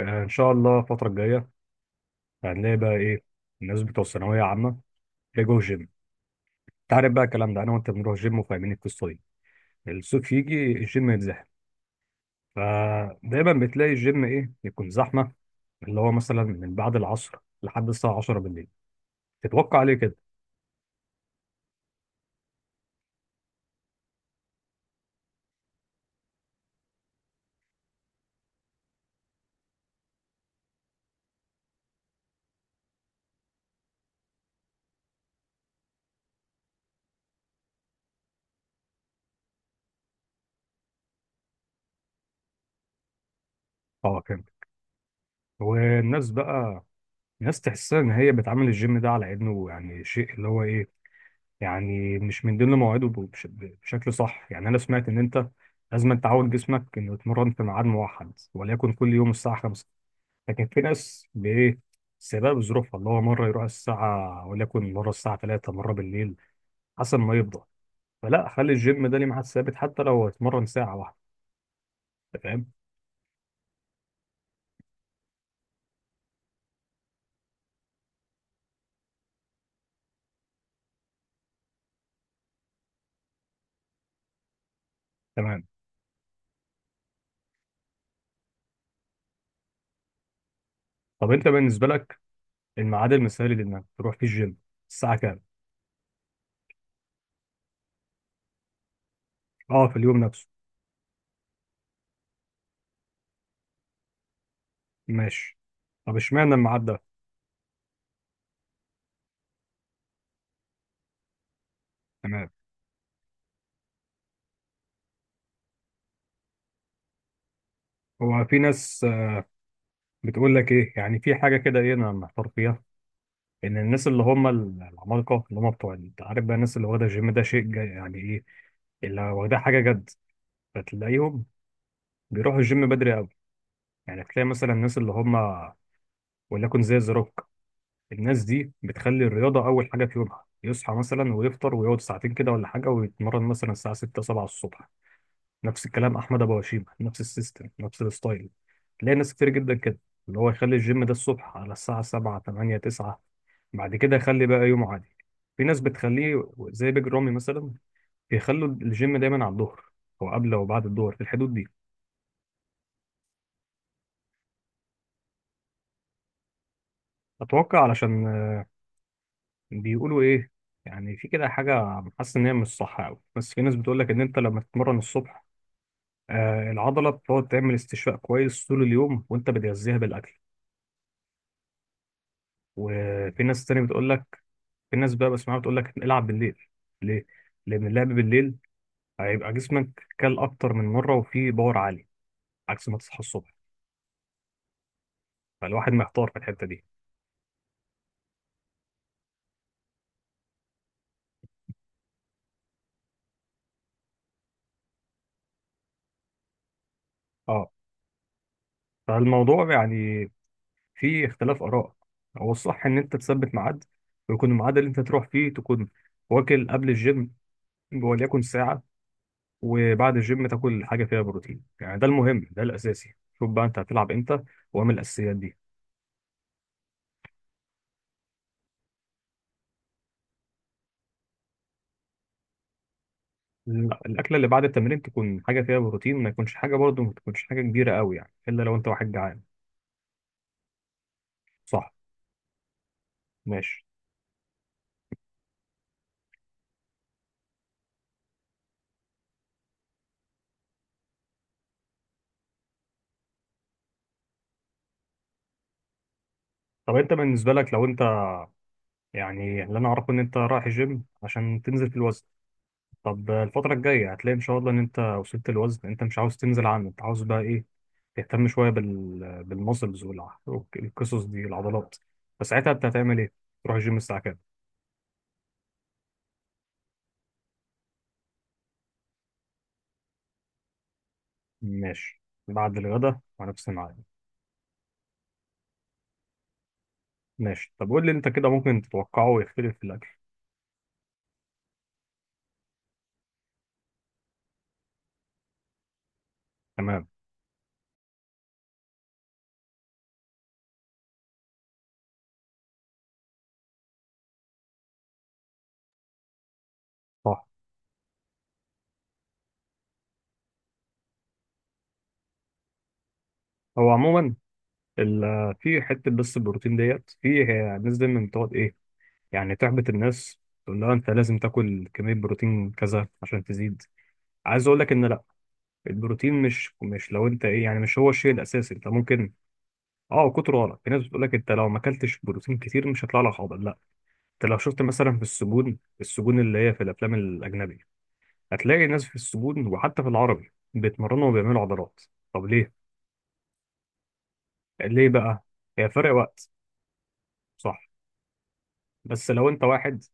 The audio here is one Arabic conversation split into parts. آه، ان شاء الله الفتره الجايه هنلاقي بقى ايه. الناس بتوع الثانويه عامه بيجوا الجيم. انت عارف بقى الكلام ده، انا وانت بنروح الجيم وفاهمين القصه دي. الصيف يجي الجيم يتزحم، فدايما بتلاقي الجيم ايه يكون زحمه، اللي هو مثلا من بعد العصر لحد الساعه 10 بالليل. تتوقع ليه كده؟ اه فهمت. والناس بقى، ناس تحسها ان هي بتعامل الجيم ده على انه يعني شيء اللي هو ايه، يعني مش من ضمن مواعيده بشكل صح. يعني انا سمعت ان انت لازم تعود جسمك انه يتمرن في ميعاد موحد، وليكن كل يوم الساعه 5. لكن في ناس بايه، سبب ظروفها اللي هو مره يروح الساعه وليكن مره الساعه 3، مره بالليل، حسب ما يفضى. فلا، خلي الجيم ده ليه ميعاد ثابت حتى لو هيتمرن ساعه واحده. أنت فاهم. تمام. طب انت بالنسبه لك، الميعاد المثالي لانك تروح فيه الجيم الساعه كام؟ اه، في اليوم نفسه. ماشي، طب اشمعنى الميعاد ده؟ تمام. هو في ناس بتقول لك ايه، يعني في حاجه كده ايه انا محتار فيها، ان الناس اللي هم العمالقه اللي هم بتوع انت عارف بقى، الناس اللي واخده الجيم ده شيء يعني ايه، اللي واخداه حاجه جد. فتلاقيهم بيروحوا الجيم بدري قوي. يعني تلاقي مثلا الناس اللي هم وليكن زي زروك، الناس دي بتخلي الرياضه اول حاجه في يومها. يصحى مثلا ويفطر ويقعد ساعتين كده ولا حاجه، ويتمرن مثلا الساعه 6 7 الصبح. نفس الكلام احمد ابو هشيمه، نفس السيستم نفس الستايل. تلاقي ناس كتير جدا كده اللي هو يخلي الجيم ده الصبح على الساعه 7 8 9، بعد كده خلي بقى يوم عادي. في ناس بتخليه زي بيج رامي مثلا، بيخلوا الجيم دايما على الظهر، او قبل او بعد الظهر في الحدود دي. اتوقع علشان بيقولوا ايه، يعني في كده حاجه حاسس ان هي مش صح قوي، بس في ناس بتقول لك ان انت لما تتمرن الصبح العضله بتقعد تعمل استشفاء كويس طول اليوم وانت بتغذيها بالاكل. وفي ناس تانية بتقول لك، في ناس بقى بسمعها بتقول لك العب بالليل. ليه؟ لان اللعب بالليل هيبقى جسمك كل اكتر من مره وفيه باور عالي، عكس ما تصحى الصبح. فالواحد محتار في الحتة دي. اه. فالموضوع يعني فيه اختلاف آراء. هو الصح إن أنت تثبت ميعاد، ويكون الميعاد اللي أنت تروح فيه تكون واكل قبل الجيم، وليكن ساعة، وبعد الجيم تاكل حاجة فيها بروتين. يعني ده المهم، ده الأساسي. شوف بقى أنت هتلعب إمتى، واعمل الأساسيات دي. الأكلة اللي بعد التمرين تكون حاجة فيها بروتين، ما يكونش حاجة، برضه ما تكونش حاجة كبيرة قوي يعني، إلا لو أنت واحد جعان. صح. ماشي. طب أنت بالنسبة لك لو أنت، يعني اللي أنا أعرفه إن أنت رايح الجيم عشان تنزل في الوزن، طب الفترة الجاية هتلاقي إن شاء الله إن أنت وصلت الوزن أنت مش عاوز تنزل عنه، أنت عاوز بقى إيه؟ تهتم شوية بالمسلز والقصص دي، العضلات. فساعتها أنت هتعمل إيه؟ تروح الجيم الساعة كام؟ ماشي، بعد الغدا ونفس الميعاد. ماشي، طب قول لي أنت كده ممكن تتوقعه يختلف في الأكل. تمام. صح. هو عموما في حتة بس، البروتين ديت، في ناس دايما بتقعد إيه، يعني تحبط الناس، تقول لها أنت لازم تاكل كمية بروتين كذا عشان تزيد. عايز أقول لك إن البروتين مش لو انت ايه، يعني مش هو الشيء الاساسي، انت ممكن. اه، كتره غلط. في ناس بتقول لك انت لو ما اكلتش بروتين كتير مش هيطلع لك، حاضر لا، انت لو شفت مثلا في السجون، السجون اللي هي في الافلام الاجنبي، هتلاقي الناس في السجون وحتى في العربي بيتمرنوا وبيعملوا عضلات. طب ليه؟ ليه بقى؟ هي فرق وقت، صح، بس لو انت واحد،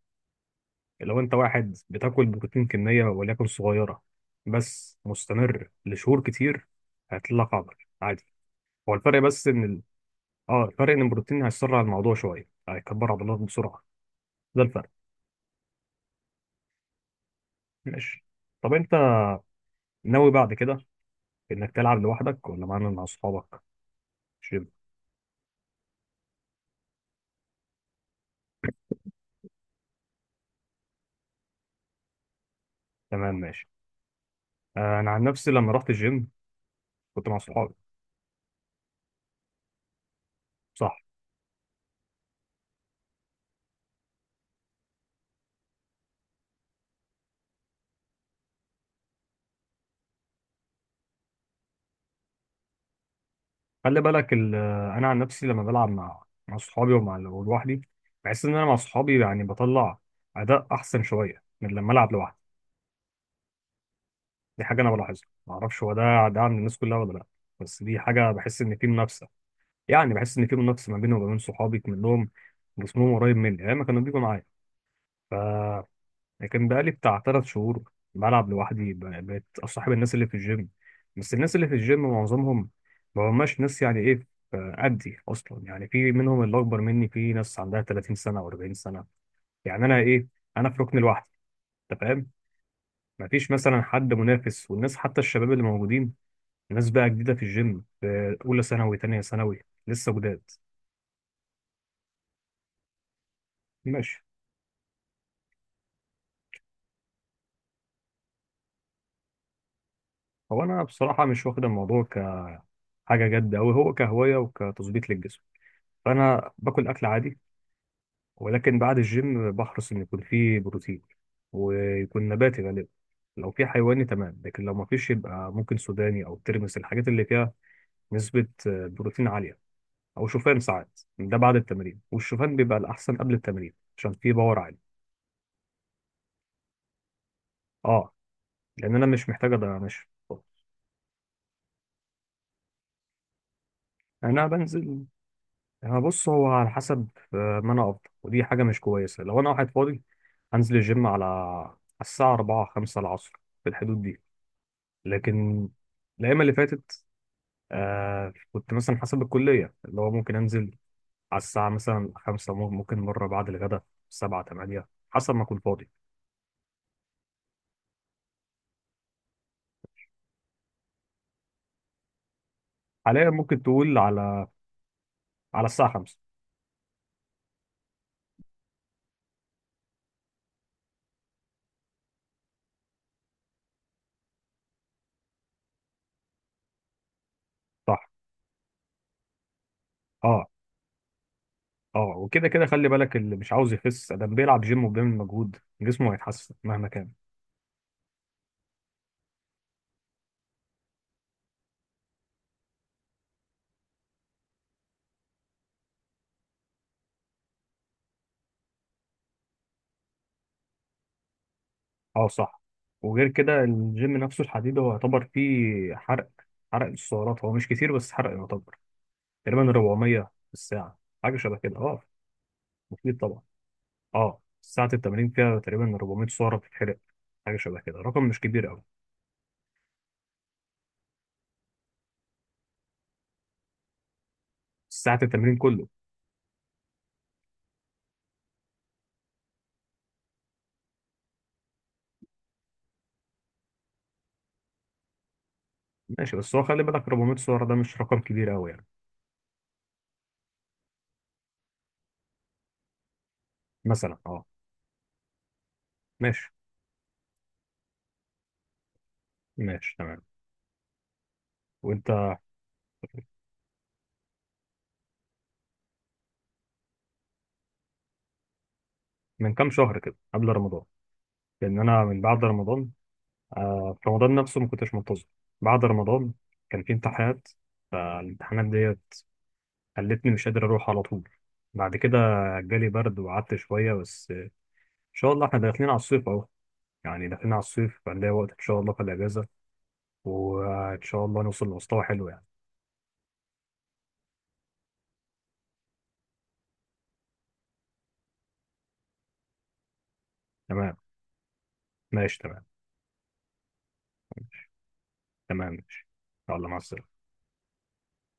لو انت واحد بتاكل بروتين كميه وليكن صغيره، بس مستمر لشهور كتير، هيطلع لك عضل عادي. هو الفرق بس ان، اه الفرق ان البروتين هيسرع الموضوع شويه، هيكبر عضلات بسرعه، ده الفرق. ماشي. طب انت ناوي بعد كده انك تلعب لوحدك، ولا معانا مع اصحابك جيم؟ تمام ماشي. انا عن نفسي لما رحت الجيم كنت مع اصحابي. صح. خلي بالك انا عن نفسي لما بلعب مع اصحابي ومع لوحدي، بحس ان انا مع اصحابي يعني بطلع اداء احسن شويه من لما العب لوحدي. دي حاجه انا بلاحظها، ما اعرفش هو ده ده عند الناس كلها ولا لا، بس دي حاجه بحس ان في منافسه. يعني بحس ان في منافسه ما بيني وما بين صحابي كلهم، جسمهم قريب مني ايام ما كانوا بيجوا معايا. ف، لكن بقالي بتاع 3 شهور بلعب لوحدي، بقيت اصاحب الناس اللي في الجيم، بس الناس اللي في الجيم معظمهم ما هماش ناس يعني ايه، قدي اصلا. يعني في منهم اللي اكبر مني، في ناس عندها 30 سنه و40 سنه. يعني انا ايه، انا في ركن لوحدي. انت فاهم، مفيش مثلا حد منافس. والناس حتى الشباب اللي موجودين، ناس بقى جديده في الجيم، في اولى ثانوي تانية ثانوي، لسه جداد. ماشي. هو انا بصراحه مش واخد الموضوع كحاجه جد أوي، هو كهوايه وكتظبيط للجسم. فانا باكل اكل عادي، ولكن بعد الجيم بحرص ان يكون فيه بروتين، ويكون نباتي غالبا. لو في حيواني تمام، لكن لو ما فيش يبقى ممكن سوداني او ترمس، الحاجات اللي فيها نسبه بروتين عاليه. او شوفان ساعات، ده بعد التمرين، والشوفان بيبقى الاحسن قبل التمرين عشان فيه باور عالي. اه، لان انا مش محتاج مش. انا بنزل، هو بص هو على حسب، ما انا افضل، ودي حاجه مش كويسه، لو انا واحد فاضي هنزل الجيم على الساعه 4 5 العصر، في الحدود دي. لكن الايام اللي فاتت آه كنت مثلا حسب الكليه، اللي هو ممكن انزل على الساعه مثلا 5، ممكن مره بعد الغداء 7 8، حسب ما اكون فاضي. حاليا ممكن تقول على، على الساعه 5. صح. اه. اه وكده كده خلي بالك، اللي مش عاوز يخس ده بيلعب جيم وبيعمل مجهود، جسمه هيتحسن مهما كان. اه صح. وغير كده الجيم نفسه، الحديد هو يعتبر فيه حرق، حرق السعرات هو مش كتير بس حرق يعتبر، تقريبا 400 في الساعة، حاجة شبه كده، اه، مفيد طبعا. اه، ساعة التمرين فيها تقريبا 400 سعرة بتتحرق، حاجة شبه كده، رقم مش كبير قوي. ساعة التمرين كله. ماشي، بس هو خلي بالك 400 سعرة ده مش رقم كبير قوي يعني. مثلا اه. ماشي. ماشي تمام. وانت، من كام شهر كده قبل رمضان، لان انا من بعد رمضان، في رمضان نفسه ما كنتش منتظم. بعد رمضان كان في امتحانات، فالامتحانات ديت خلتني مش قادر اروح على طول. بعد كده جالي برد وقعدت شوية، بس ان شاء الله احنا داخلين على الصيف اهو، يعني داخلين على الصيف فنلاقي وقت ان شاء الله في الاجازة، وان شاء الله نوصل لمستوى حلو يعني. تمام. ماشي. تمام. تمام ماشي. يلا، مع السلامة.